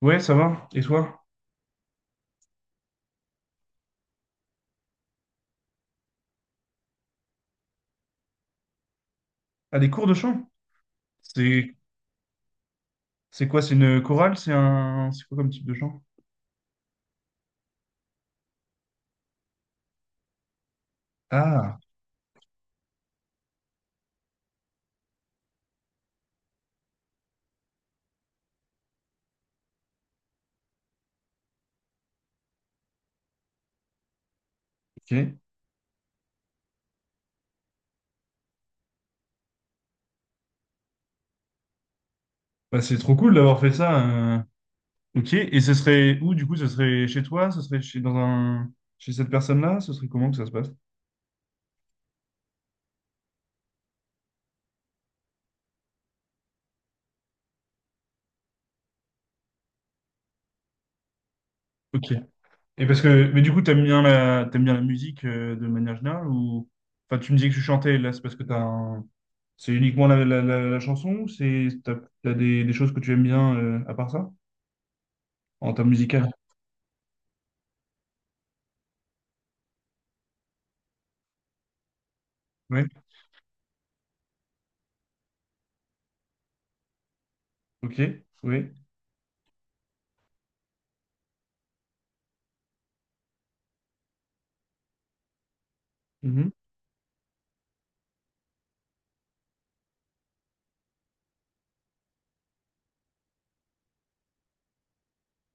Ouais, ça va. Et toi? Ah, des cours de chant? C'est c'est quoi? C'est une chorale? C'est quoi comme type de chant? Ah, ok. Bah, c'est trop cool d'avoir fait ça. euh. Ok. Et ce serait où du coup? Ce serait chez toi? Ce serait chez dans un chez cette personne-là? Ce serait comment que ça se passe? Ok. Et parce que mais du coup t'aimes bien la musique, de manière générale, ou enfin tu me disais que tu chantais, là c'est parce que c'est uniquement la chanson, ou t'as des choses que tu aimes bien à part ça en termes musicaux? Ouais. Ok. Oui. Mhm.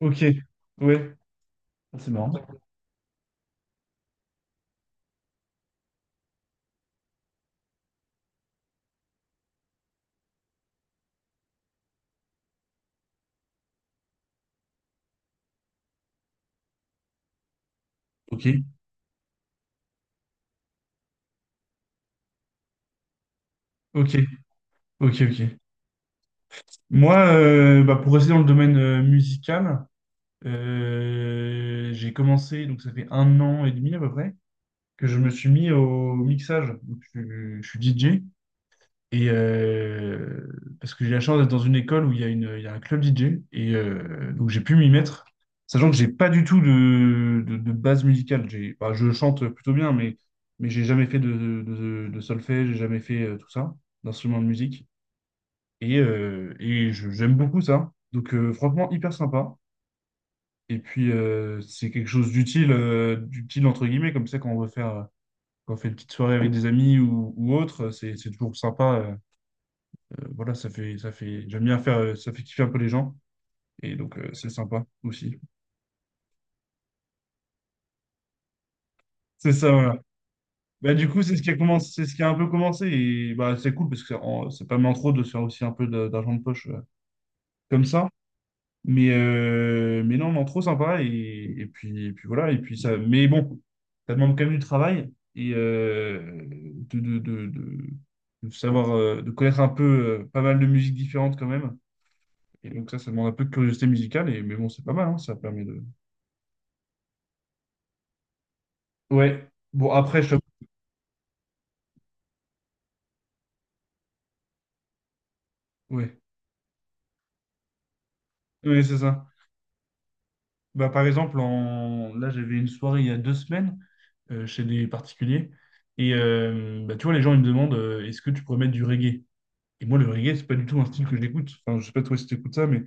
Ok, ouais. Ah, c'est marrant. Ok, ok, ok, ok. Moi, bah, pour rester dans le domaine musical, j'ai commencé, donc ça fait 1 an et demi à peu près, que je me suis mis au mixage. Donc, je suis DJ. Et parce que j'ai la chance d'être dans une école où il y a un club DJ, et donc j'ai pu m'y mettre, sachant que j'ai pas du tout de, base musicale. Bah, je chante plutôt bien, mais j'ai jamais fait de solfège, j'ai jamais fait, tout ça, d'instrument de musique. J'aime beaucoup ça. Donc franchement hyper sympa. Et puis, c'est quelque chose d'utile entre guillemets, comme ça quand on veut faire, quand on fait une petite soirée avec des amis, ou autre, c'est toujours sympa. Voilà, j'aime bien faire, ça fait kiffer un peu les gens. Et donc, c'est sympa aussi. C'est ça, voilà. Bah, du coup, c'est ce qui a commencé, c'est ce qui a un peu commencé. Et bah, c'est cool parce que c'est pas mal en trop de se faire aussi un peu d'argent de poche, comme ça. Mais, non, non, trop sympa. Et puis, voilà. Et puis ça, mais bon, ça demande quand même du travail, et de, de, de, de- de connaître un peu, pas mal de musiques différentes quand même. Et donc, ça demande un peu de curiosité musicale. Et, mais bon, c'est pas mal, hein, ça permet de. Ouais. Bon, après, je. Ouais. Oui, c'est ça. Bah, par exemple, là, j'avais une soirée il y a 2 semaines, chez des particuliers. Et bah, tu vois, les gens, ils me demandent, est-ce que tu pourrais mettre du reggae? Et moi, le reggae, c'est pas du tout un style que j'écoute. Enfin, je sais pas toi si tu écoutes ça, mais...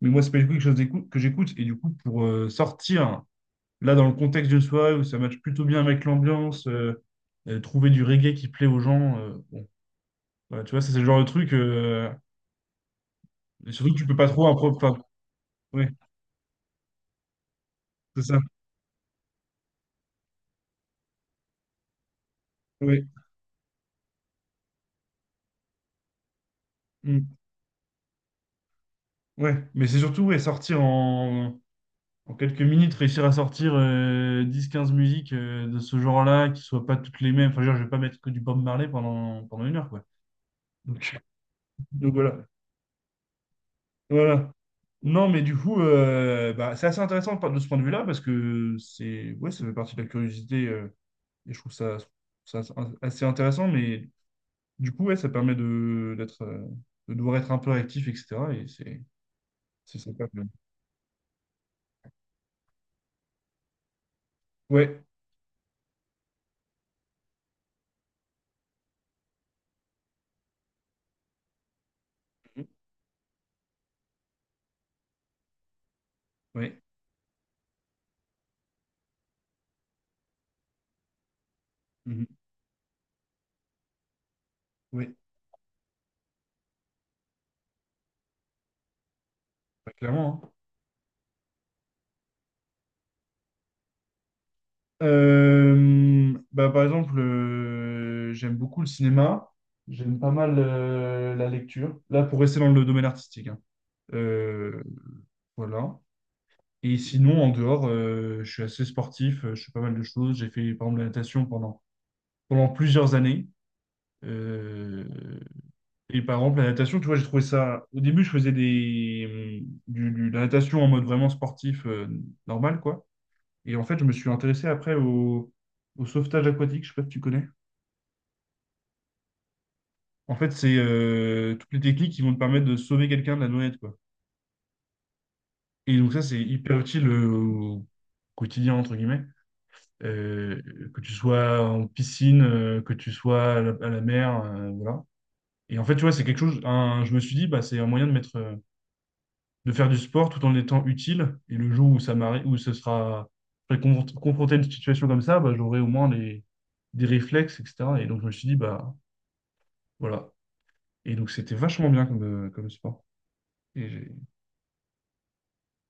mais moi, c'est pas du tout quelque chose que j'écoute. Et du coup, pour, sortir, là, dans le contexte d'une soirée où ça matche plutôt bien avec l'ambiance, trouver du reggae qui plaît aux gens, bon, voilà, tu vois, ça, c'est le genre de truc. Et surtout que tu peux pas trop, enfin, ouais, c'est ça. Ouais. Mm. Ouais, mais c'est surtout, ouais, sortir en quelques minutes, réussir à sortir, 10-15 musiques, de ce genre-là, qui soient pas toutes les mêmes. Enfin, je veux dire, je vais pas mettre que du Bob Marley pendant 1 heure, quoi. Donc, donc voilà. Voilà. Non, mais du coup, bah, c'est assez intéressant de ce point de vue-là, parce que c'est ouais, ça fait partie de la curiosité, et je trouve ça, ça assez intéressant, mais du coup, ouais, ça permet de d'être, de devoir être un peu actif, etc. Et c'est sympa. Ouais, ouais. Mhm. Ouais. Bah, clairement, hein. Bah, par exemple, j'aime beaucoup le cinéma, j'aime pas mal, la lecture. Là, pour rester dans le domaine artistique, hein. Euh, voilà. Et sinon, en dehors, je suis assez sportif, je fais pas mal de choses. J'ai fait, par exemple, la natation pendant plusieurs années. Euh, et par exemple, la natation, tu vois, j'ai trouvé ça. Au début, je faisais de la natation en mode vraiment sportif, normal, quoi. Et en fait, je me suis intéressé après au sauvetage aquatique, je sais pas si tu connais. En fait, c'est, toutes les techniques qui vont te permettre de sauver quelqu'un de la noyade, quoi. Et donc ça, c'est hyper utile, au quotidien, entre guillemets. Euh, que tu sois en piscine, que tu sois à la mer, voilà. Et en fait, tu vois, c'est quelque chose, je me suis dit, bah, c'est un moyen de faire du sport tout en étant utile. Et le jour où ça m'arrive, je serai confronté à une situation comme ça, bah, j'aurai au moins des réflexes, etc. Et donc, je me suis dit, bah, voilà. Et donc, c'était vachement bien comme sport. Et j'ai-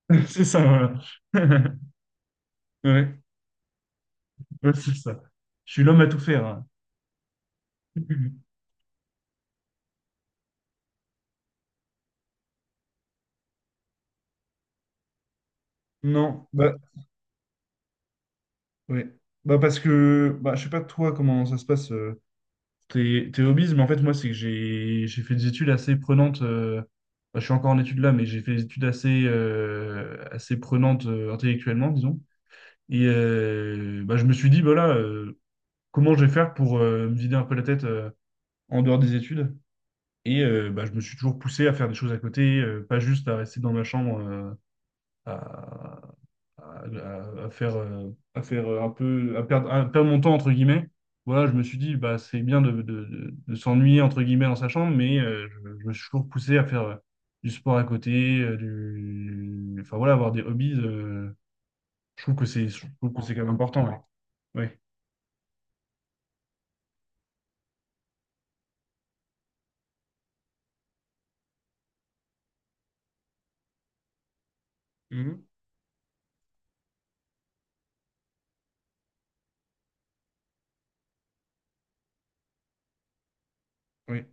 C'est ça, voilà. Ouais, ouais, c'est ça. Je suis l'homme à tout faire, hein. Non, bah, ouais. Bah, parce que, bah, je sais pas toi comment ça se passe, tes hobbies, mais en fait, moi, c'est que j'ai fait des études assez prenantes. Bah, je suis encore en études là, mais j'ai fait des études assez prenantes, intellectuellement, disons. Et bah, je me suis dit, voilà, comment je vais faire pour, me vider un peu la tête, en dehors des études? Et bah, je me suis toujours poussé à faire des choses à côté, pas juste à rester dans ma chambre, à, à- à faire un peu, à perdre mon temps, entre guillemets. Voilà, je me suis dit, bah, c'est bien de s'ennuyer, entre guillemets, dans sa chambre, mais, je me suis toujours poussé à faire, du sport à côté, enfin voilà, avoir des hobbies. Je trouve que c'est, quand même important, ouais. Ouais. Mhm. Oui.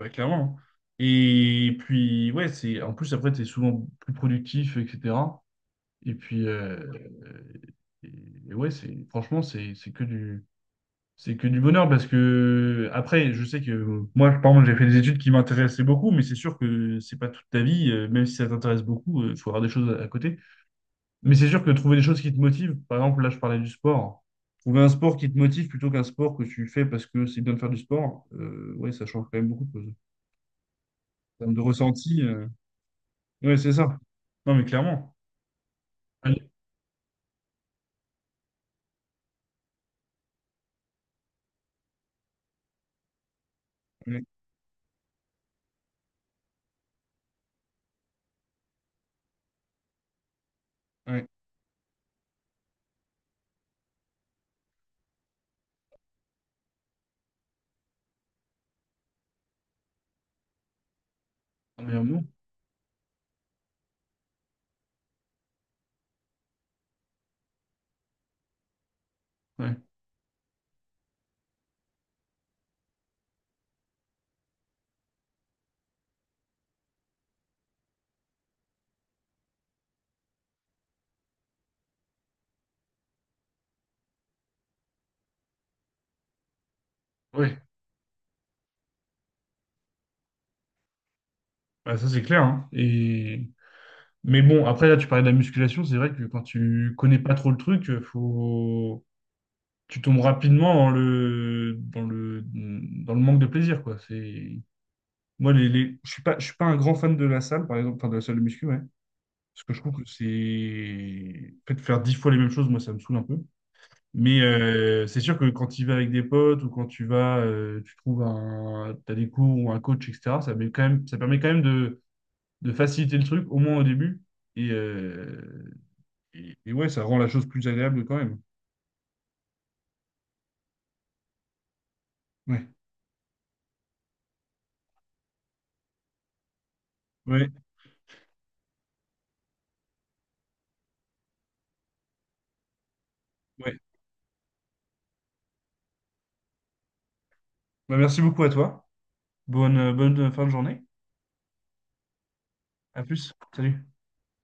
Ouais, clairement, hein. Et puis, ouais, c'est en plus, après, tu es souvent plus productif, etc. Et puis, et, ouais, c'est franchement, c'est que du, c'est que du bonheur, parce que, après, je sais que moi, par exemple, j'ai fait des études qui m'intéressaient beaucoup, mais c'est sûr que c'est pas toute ta vie, même si ça t'intéresse beaucoup, il faut avoir des choses à côté. Mais c'est sûr que trouver des choses qui te motivent, par exemple, là, je parlais du sport. Trouver un sport qui te motive plutôt qu'un sport que tu fais parce que c'est bien de faire du sport, ouais, ça change quand même beaucoup de choses. En termes de ressenti. Ouais, c'est ça. Non, mais clairement. Allez. Ouais, ouais. Un meilleur mot. Ouais, ouais. Bah, ça c'est clair, hein. Mais bon, après là, tu parlais de la musculation, c'est vrai que quand tu connais pas trop le truc, faut. Tu tombes rapidement dans dans le manque de plaisir, quoi. Moi, je suis pas un grand fan de la salle, par exemple, enfin de la salle de muscu, ouais. Parce que je trouve que c'est. En fait, faire 10 fois les mêmes choses, moi, ça me saoule un peu. Mais c'est sûr que quand tu y vas avec des potes, ou quand tu vas, tu trouves un, t'as des cours ou un coach, etc., ça permet quand même de faciliter le truc, au moins au début. Et, euh, et ouais, ça rend la chose plus agréable quand même. Ouais, ouais, ouais. Bah, merci beaucoup à toi. Bonne fin de journée. À plus. Salut.